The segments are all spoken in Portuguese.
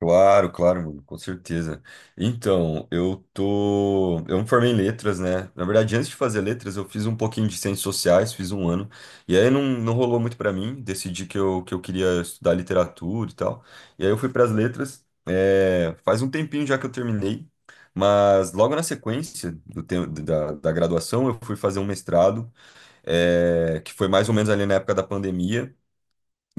Claro, claro, mano, com certeza. Então, eu tô. Eu me formei em letras, né? Na verdade, antes de fazer letras, eu fiz um pouquinho de ciências sociais, fiz um ano. E aí não, não rolou muito pra mim. Decidi que eu queria estudar literatura e tal. E aí eu fui pras letras. É, faz um tempinho já que eu terminei. Mas logo na sequência do tempo, da graduação, eu fui fazer um mestrado, que foi mais ou menos ali na época da pandemia.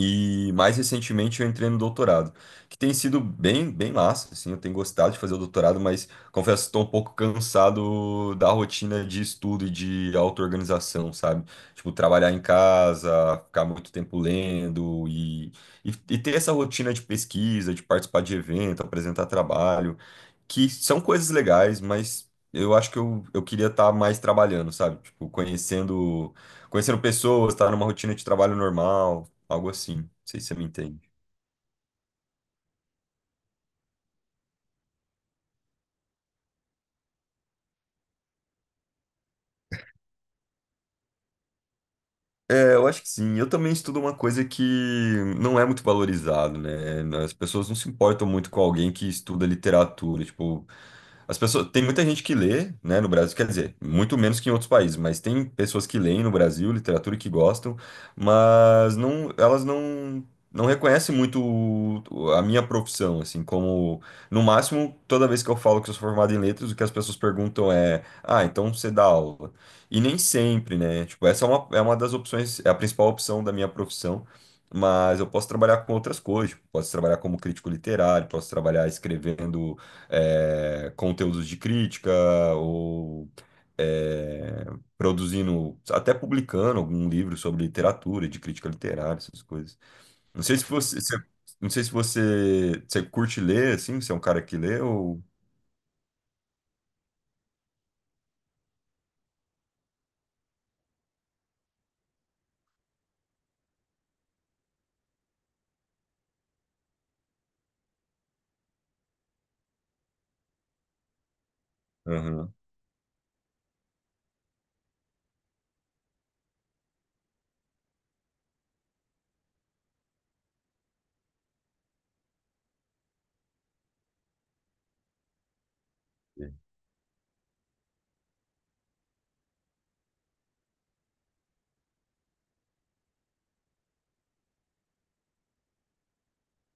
E mais recentemente eu entrei no doutorado, que tem sido bem, bem massa, assim, eu tenho gostado de fazer o doutorado, mas confesso que estou um pouco cansado da rotina de estudo e de auto-organização, sabe? Tipo, trabalhar em casa, ficar muito tempo lendo e ter essa rotina de pesquisa, de participar de evento, apresentar trabalho, que são coisas legais, mas eu acho que eu queria estar mais trabalhando, sabe? Tipo, conhecendo pessoas, estar numa rotina de trabalho normal. Algo assim. Não sei se você me entende. É, eu acho que sim. Eu também estudo uma coisa que não é muito valorizado, né? As pessoas não se importam muito com alguém que estuda literatura. Tipo, as pessoas, tem muita gente que lê, né, no Brasil, quer dizer, muito menos que em outros países, mas tem pessoas que leem no Brasil literatura e que gostam, mas não, elas não reconhecem muito a minha profissão, assim, como no máximo, toda vez que eu falo que eu sou formado em letras, o que as pessoas perguntam é: "Ah, então você dá aula?". E nem sempre, né? Tipo, essa é é uma das opções, é a principal opção da minha profissão. Mas eu posso trabalhar com outras coisas, tipo, posso trabalhar como crítico literário, posso trabalhar escrevendo conteúdos de crítica ou é, produzindo, até publicando algum livro sobre literatura, de crítica literária, essas coisas. Não sei se você, se- não sei se você, você curte ler, assim, você é um cara que lê ou... Aham,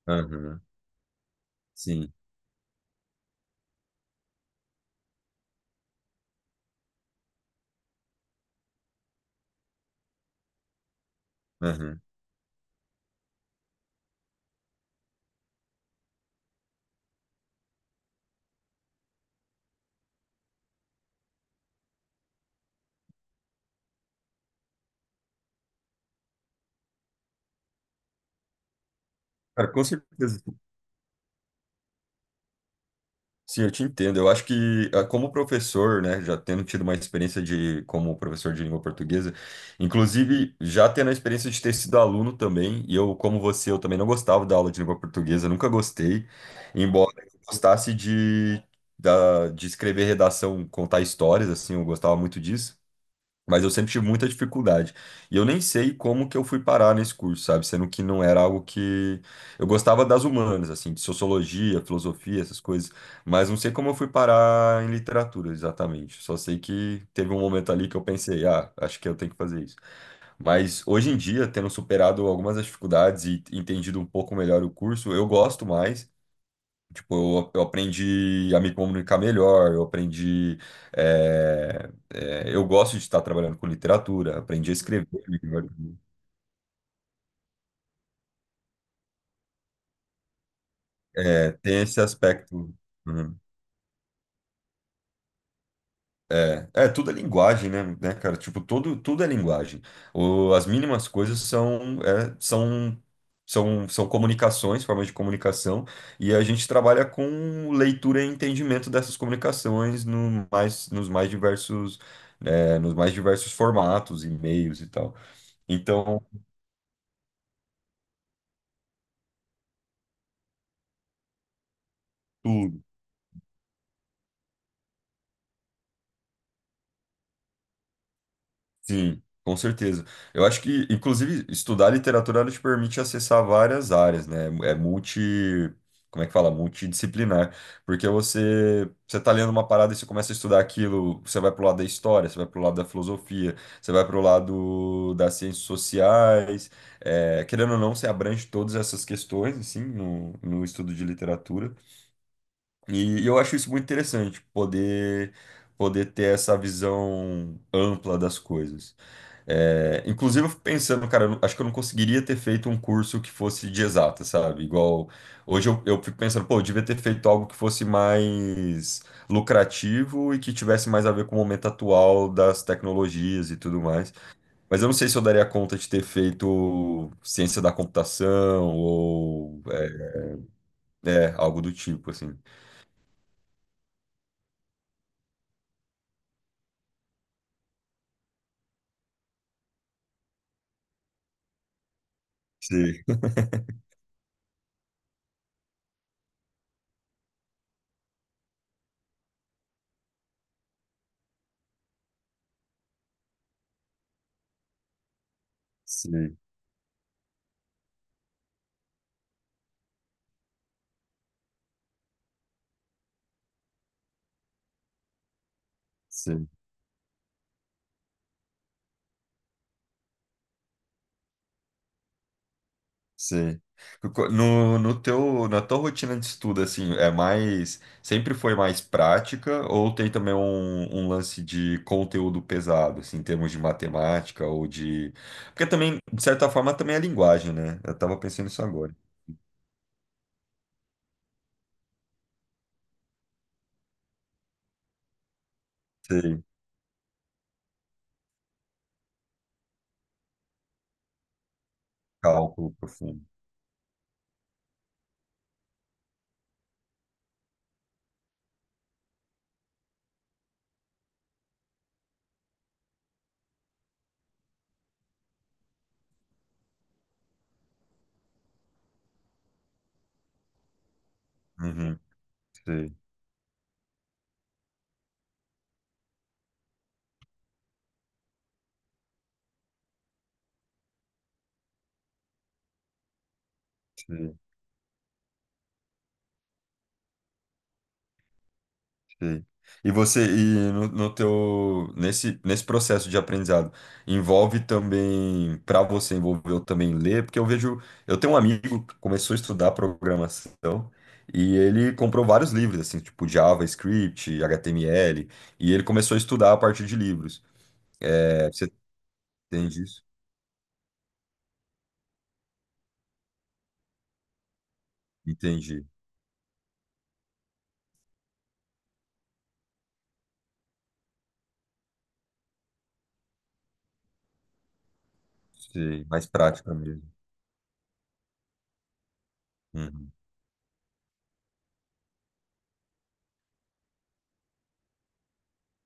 aham, sim. Aham. Cara, com certeza. Sim, eu te entendo. Eu acho que, ah, como professor, né, já tendo tido uma experiência de como professor de língua portuguesa, inclusive já tendo a experiência de ter sido aluno também, e eu, como você, eu também não gostava da aula de língua portuguesa, nunca gostei, embora eu gostasse da, de escrever redação, contar histórias, assim, eu gostava muito disso. Mas eu sempre tive muita dificuldade. E eu nem sei como que eu fui parar nesse curso, sabe? Sendo que não era algo que. Eu gostava das humanas, assim, de sociologia, filosofia, essas coisas. Mas não sei como eu fui parar em literatura exatamente. Só sei que teve um momento ali que eu pensei, ah, acho que eu tenho que fazer isso. Mas hoje em dia, tendo superado algumas das dificuldades e entendido um pouco melhor o curso, eu gosto mais. Tipo, eu aprendi a me comunicar melhor, eu aprendi. Eu gosto de estar trabalhando com literatura, aprendi a escrever melhor. É, tem esse aspecto. Né? É, tudo é linguagem, né, cara? Tipo, todo, tudo é linguagem. O, as mínimas coisas são são comunicações, formas de comunicação, e a gente trabalha com leitura e entendimento dessas comunicações no mais, nos mais diversos, né, nos mais diversos formatos, e-mails e tal. Então, tudo. Sim, com certeza. Eu acho que, inclusive, estudar literatura ela te permite acessar várias áreas, né? É multi. Como é que fala? Multidisciplinar. Porque você tá lendo uma parada e você começa a estudar aquilo, você vai pro lado da história, você vai pro lado da filosofia, você vai pro lado das ciências sociais. É, querendo ou não, você abrange todas essas questões, assim, no estudo de literatura. E eu acho isso muito interessante, poder ter essa visão ampla das coisas. É, inclusive, eu fico pensando, cara, eu não- acho que eu não conseguiria ter feito um curso que fosse de exata, sabe? Igual. Hoje eu fico pensando, pô, eu devia ter feito algo que fosse mais lucrativo e que tivesse mais a ver com o momento atual das tecnologias e tudo mais. Mas eu não sei se eu daria conta de ter feito ciência da computação ou algo do tipo, assim. Sim, sim, sim. Sim. No teu, na tua rotina de estudo, assim, sempre foi mais prática ou tem também um lance de conteúdo pesado, assim, em termos de matemática ou de... Porque também, de certa forma, também é linguagem, né? Eu tava pensando nisso agora. Sim, cálculo profundo. Uhum, sim, sim. Sei. E você, no teu, nesse processo de aprendizado, envolve também, para você, envolveu também ler, porque eu vejo, eu tenho um amigo que começou a estudar programação e ele comprou vários livros, assim, tipo JavaScript, HTML, e ele começou a estudar a partir de livros. É, você entende isso? Entendi. Sei, mais prática mesmo. Uhum.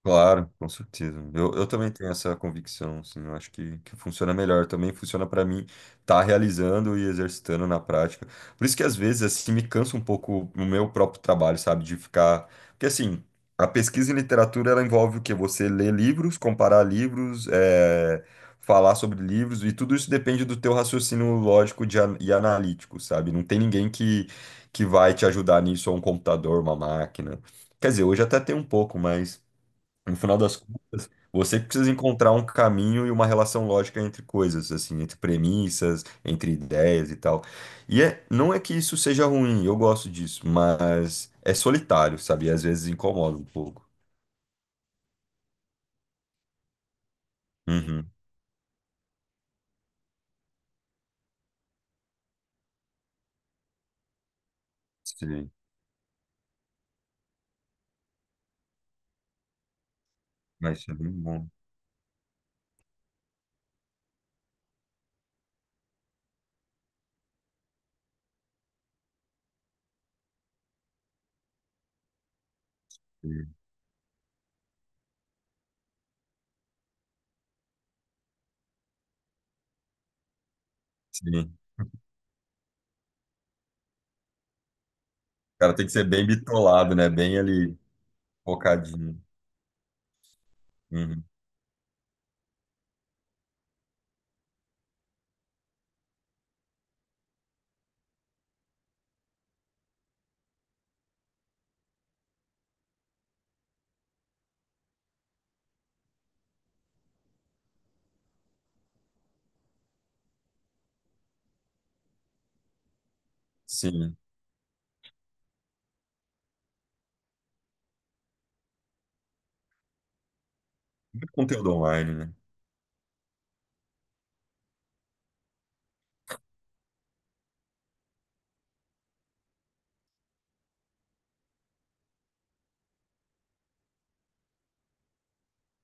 Claro, com certeza. Eu também tenho essa convicção, assim, eu acho que funciona melhor. Também funciona para mim estar realizando e exercitando na prática. Por isso que às vezes, assim, me cansa um pouco o meu próprio trabalho, sabe? De ficar. Porque, assim, a pesquisa em literatura, ela envolve o quê? Você ler livros, comparar livros, é falar sobre livros, e tudo isso depende do teu raciocínio lógico e analítico, sabe? Não tem ninguém que vai te ajudar nisso, ou um computador, uma máquina. Quer dizer, hoje até tem um pouco, mas. No final das contas, você precisa encontrar um caminho e uma relação lógica entre coisas, assim, entre premissas, entre ideias e tal. E é, não é que isso seja ruim, eu gosto disso, mas é solitário, sabe? E às vezes incomoda um pouco. Uhum. Sim, mas isso é bem bom. Sim. Sim. O cara tem que ser bem bitolado, né? Bem ali, focadinho. Uhum. Sim. Muito conteúdo online, né?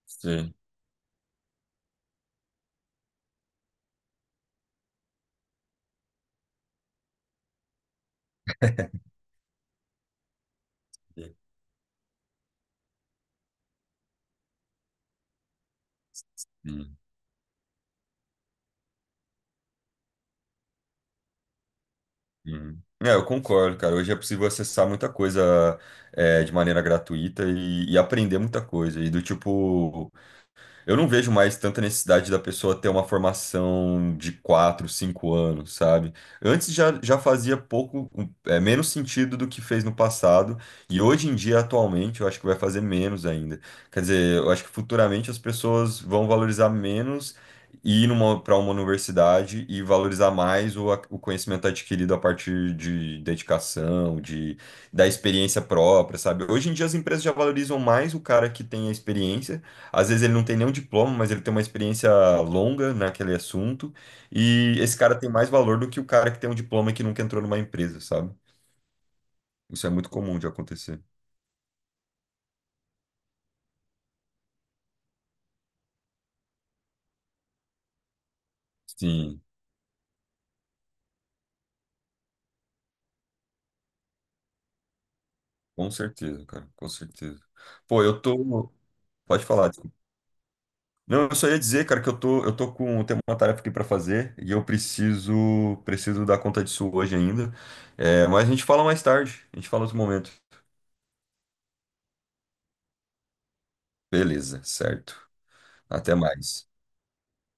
Sim. Sim. Uhum. É, eu concordo, cara. Hoje é possível acessar muita coisa de maneira gratuita e aprender muita coisa. E do tipo, eu não vejo mais tanta necessidade da pessoa ter uma formação de 4, 5 anos, sabe? Antes já, já fazia pouco, menos sentido do que fez no passado, e hoje em dia, atualmente, eu acho que vai fazer menos ainda. Quer dizer, eu acho que futuramente as pessoas vão valorizar menos ir para uma universidade e valorizar mais o conhecimento adquirido a partir de dedicação, da experiência própria, sabe? Hoje em dia as empresas já valorizam mais o cara que tem a experiência às vezes ele não tem nenhum diploma, mas ele tem uma experiência longa naquele assunto. E esse cara tem mais valor do que o cara que tem um diploma e que nunca entrou numa empresa, sabe? Isso é muito comum de acontecer. Sim, com certeza, cara, com certeza. Pô, eu tô. Pode falar, desculpa. Não, eu só ia dizer, cara, que eu tô com, eu tenho uma tarefa aqui pra fazer e eu preciso dar conta disso hoje ainda. É, mas a gente fala mais tarde, a gente fala outro momento. Beleza, certo. Até mais.